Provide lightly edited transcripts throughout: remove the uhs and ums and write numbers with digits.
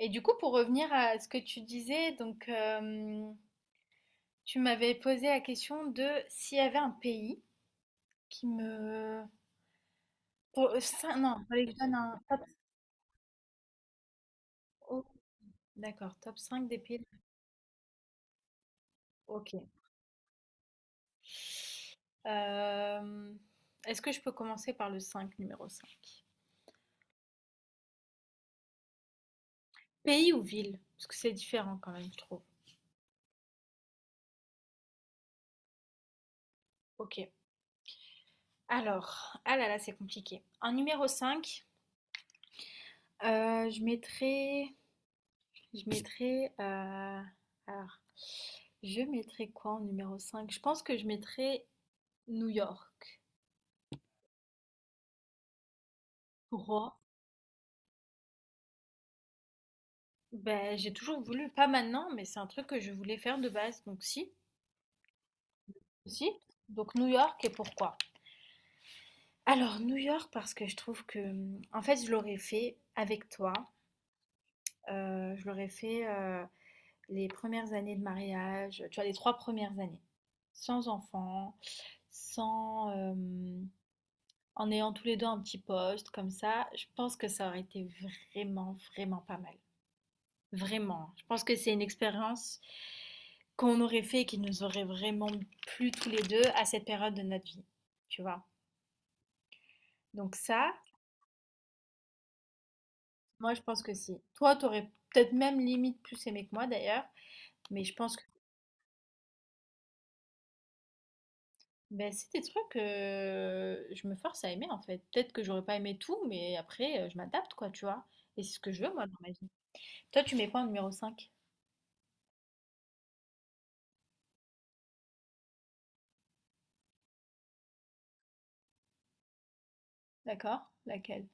Et du coup, pour revenir à ce que tu disais, tu m'avais posé la question de s'il y avait un pays qui me... Pour, non, fallait que je donne un top... Oh, d'accord, top 5 des pays. Ok. Euh, Est-ce que je peux commencer par le 5 numéro cinq? Pays ou ville? Parce que c'est différent quand même, je trouve. Ok. Alors, ah là là, c'est compliqué. En numéro cinq, je mettrais... Je mettrais, heu, alors, je mettrais quoi en numéro cinq? Je pense que je mettrais New York. Pourquoi? Ben, j'ai toujours voulu, pas maintenant, mais c'est un truc que je voulais faire de base, donc si. Si. Donc New York, et pourquoi? Alors New York parce que je trouve que, mmh, en fait je l'aurais fait avec toi, je l'aurais fait, les premières années de mariage, tu vois, les 3 premières années. Sans enfant, sans, hem en ayant tous les deux un petit poste comme ça, je pense que ça aurait été vraiment, vraiment pas mal. Vraiment. Je pense que c'est une expérience qu'on aurait fait et qui nous aurait vraiment plu tous les deux à cette période de notre vie. Tu vois? Donc ça, moi je pense que si. Toi, t'aurais peut-être même limite plus aimé que moi d'ailleurs, mais je pense que ben, c'est des trucs que je me force à aimer en fait. Peut-être que j'aurais pas aimé tout, mais après je m'adapte quoi, tu vois. Et c'est ce que je veux moi dans ma vie. Toi, tu mets quoi en numéro cinq? D'accord? Laquelle?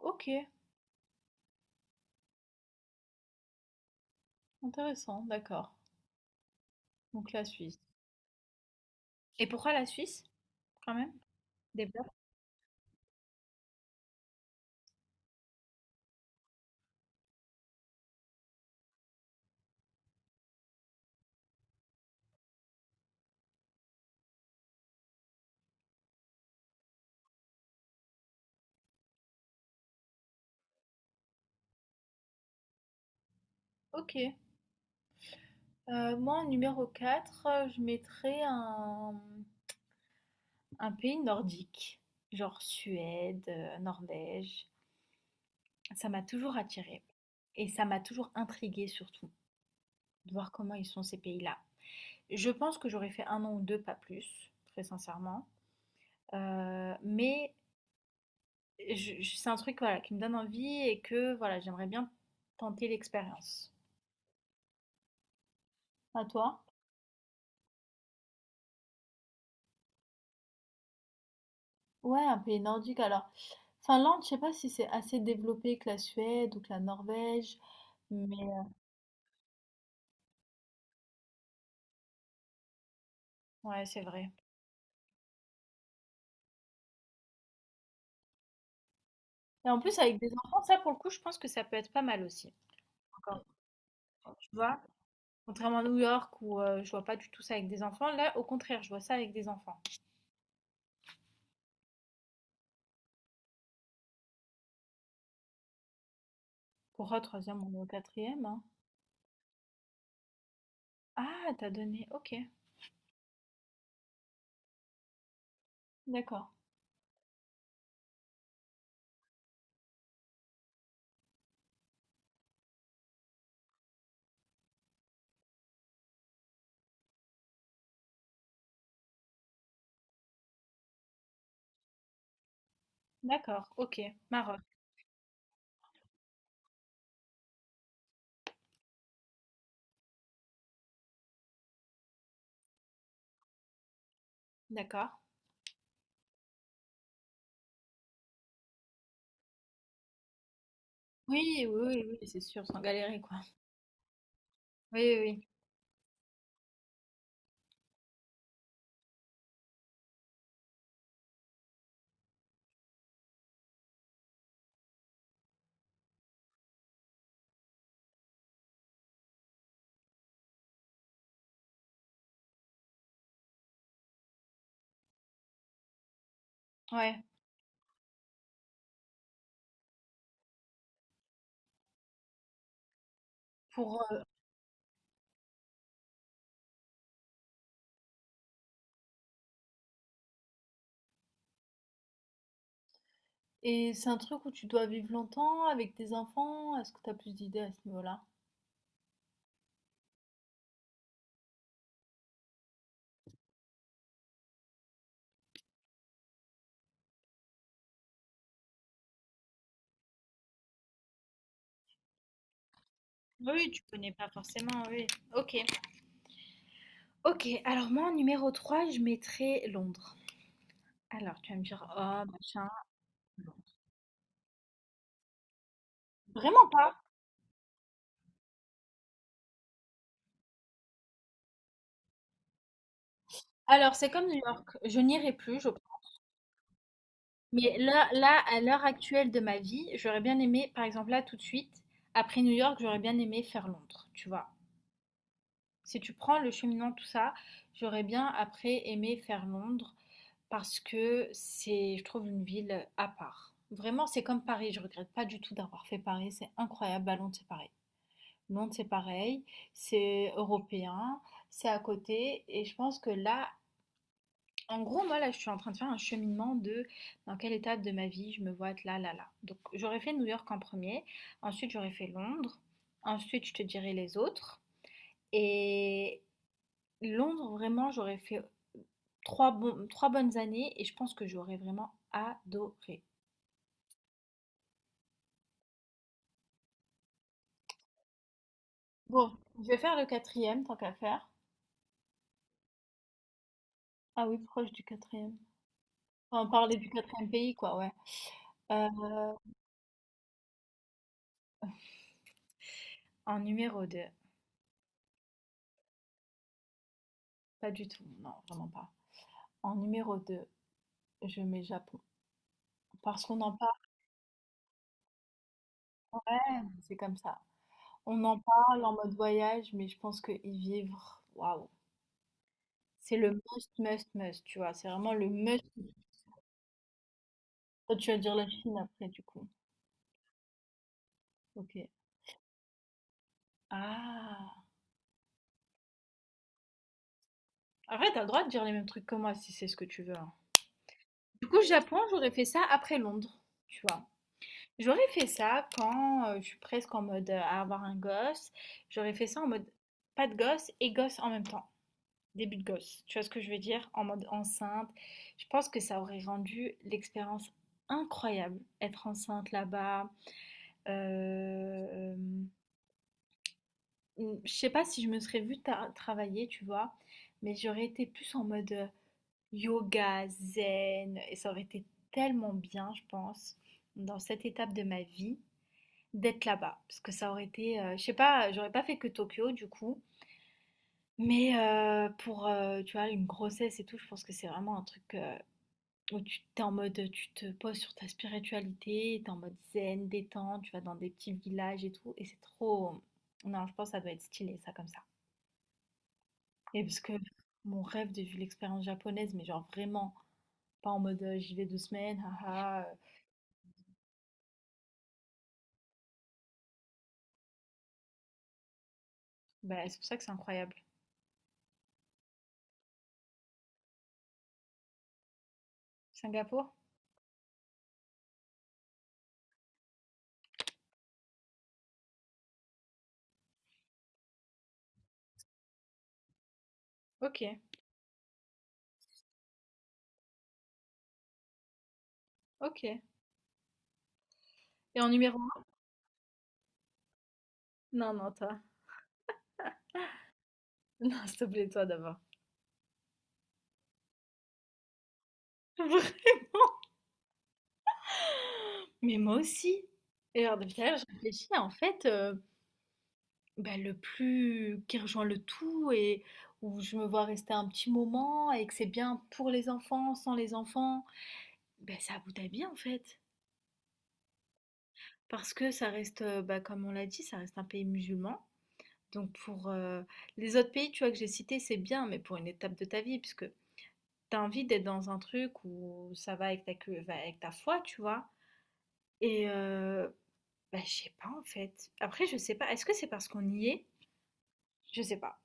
OK, intéressant, d'accord. Donc la Suisse. Et pourquoi la Suisse, quand même? Développe. OK. Moi, en numéro 4, je mettrais un pays nordique, genre Suède, Norvège. Ça m'a toujours attirée et ça m'a toujours intriguée, surtout de voir comment ils sont ces pays-là. Je pense que j'aurais fait un an ou deux, pas plus, très sincèrement. Euh, mais c'est un truc voilà, qui me donne envie et que voilà, j'aimerais bien tenter l'expérience. À toi? Ouais, un pays nordique alors. Finlande, je sais pas si c'est assez développé que la Suède ou que la Norvège, mais euh, ouais, c'est vrai. Et en plus avec des enfants, ça, pour le coup, je pense que ça peut être pas mal aussi. Encore, tu vois, contrairement à New York où je vois pas du tout ça avec des enfants, là, au contraire, je vois ça avec des enfants. Pour un troisième ou au quatrième, hein. Ah, t'as donné. Ok. D'accord. D'accord, ok. Maroc, d'accord. Oui, oui, oui, oui, c'est sûr, sans galérer quoi. Oui, oui, oui. Ouais. Pour... Et c'est un truc où tu dois vivre longtemps avec tes enfants? Est-ce que tu as plus d'idées à ce niveau-là? Oui, tu connais pas forcément, oui. Ok. Ok, alors moi en numéro 3, je mettrais Londres. Alors tu vas me dire, oh machin. Vraiment pas. Alors c'est comme New York, je n'irai plus, je pense. Mais là, là, à l'heure actuelle de ma vie, j'aurais bien aimé, par exemple là tout de suite, après New York, j'aurais bien aimé faire Londres, tu vois. Si tu prends le cheminant, tout ça, j'aurais bien après aimé faire Londres. Parce que c'est, je trouve, une ville à part. Vraiment, c'est comme Paris. Je regrette pas du tout d'avoir fait Paris. C'est incroyable. Bah, Londres, c'est pareil. Londres, c'est pareil. C'est européen. C'est à côté. Et je pense que là, en gros, moi, là, je suis en train de faire un cheminement de dans quelle étape de ma vie je me vois être là, là, là. Donc, j'aurais fait New York en premier. Ensuite, j'aurais fait Londres. Ensuite, je te dirai les autres. Et Londres, vraiment, j'aurais fait 3 bon, trois bonnes années et je pense que j'aurais vraiment adoré. Bon, je vais faire le quatrième, tant qu'à faire. Ah oui, proche du quatrième. Enfin, parler du quatrième pays, quoi, ouais. Euh, En numéro deux, pas du tout, non, vraiment pas. En numéro 2, je mets Japon. Parce qu'on en parle, ouais, c'est comme ça. On en parle en mode voyage, mais je pense que y vivre, waouh, c'est le must, must, must, tu vois. C'est vraiment le must. Toi, tu vas dire la Chine après, du coup. OK. Ah! Après, tu as le droit de dire les mêmes trucs que moi si c'est ce que tu veux, hein. Du coup, Japon, j'aurais fait ça après Londres, tu vois? J'aurais fait ça quand je suis presque en mode à avoir un gosse. J'aurais fait ça en mode pas de gosse et gosse en même temps. Début de gosse. Tu vois ce que je veux dire? En mode enceinte. Je pense que ça aurait rendu l'expérience incroyable. Être enceinte là-bas. Euh, je sais pas si je me serais travailler, tu vois, mais j'aurais été plus en mode. Yoga, zen, et ça aurait été tellement bien, je pense, dans cette étape de ma vie, d'être là-bas. Parce que ça aurait été, je sais pas, j'aurais pas fait que Tokyo du coup. Pour, tu vois, une grossesse et tout, je pense que c'est vraiment un truc où tu t'es en mode, tu te poses sur ta spiritualité, t'es en mode zen, détente, tu vas dans des petits villages et tout. Et c'est trop... Non, je pense que ça doit être stylé, ça, comme ça. Et parce que mon rêve de vivre l'expérience japonaise, mais genre vraiment, pas en mode, j'y vais deux semaines, haha. Bah, c'est pour ça que c'est incroyable. Singapour? Ok, ok. Et en numéro 1? Non, non, toi. Non, s'il te plaît, toi d'abord. Vraiment? Mais moi aussi. Et alors, depuis tout à l'heure, je réfléchis, en fait, bah, le plus qui rejoint le tout et où je me vois rester un petit moment et que c'est bien pour les enfants, sans les enfants, bah, c'est Abu Dhabi, en fait. Parce que ça reste, bah, comme on l'a dit, ça reste un pays musulman. Donc pour les autres pays, tu vois, que j'ai cités, c'est bien, mais pour une étape de ta vie, puisque t'as envie d'être dans un truc où ça va avec va avec ta foi, tu vois. Et euh, bah, je sais pas en fait. Après, je sais pas. Est-ce que c'est parce qu'on y est? Je sais pas.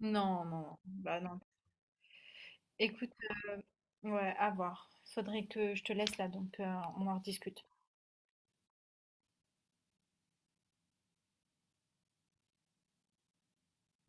Non, non, non. Bah non. Écoute, ouais, à voir. Faudrait que je te laisse là, on en rediscute.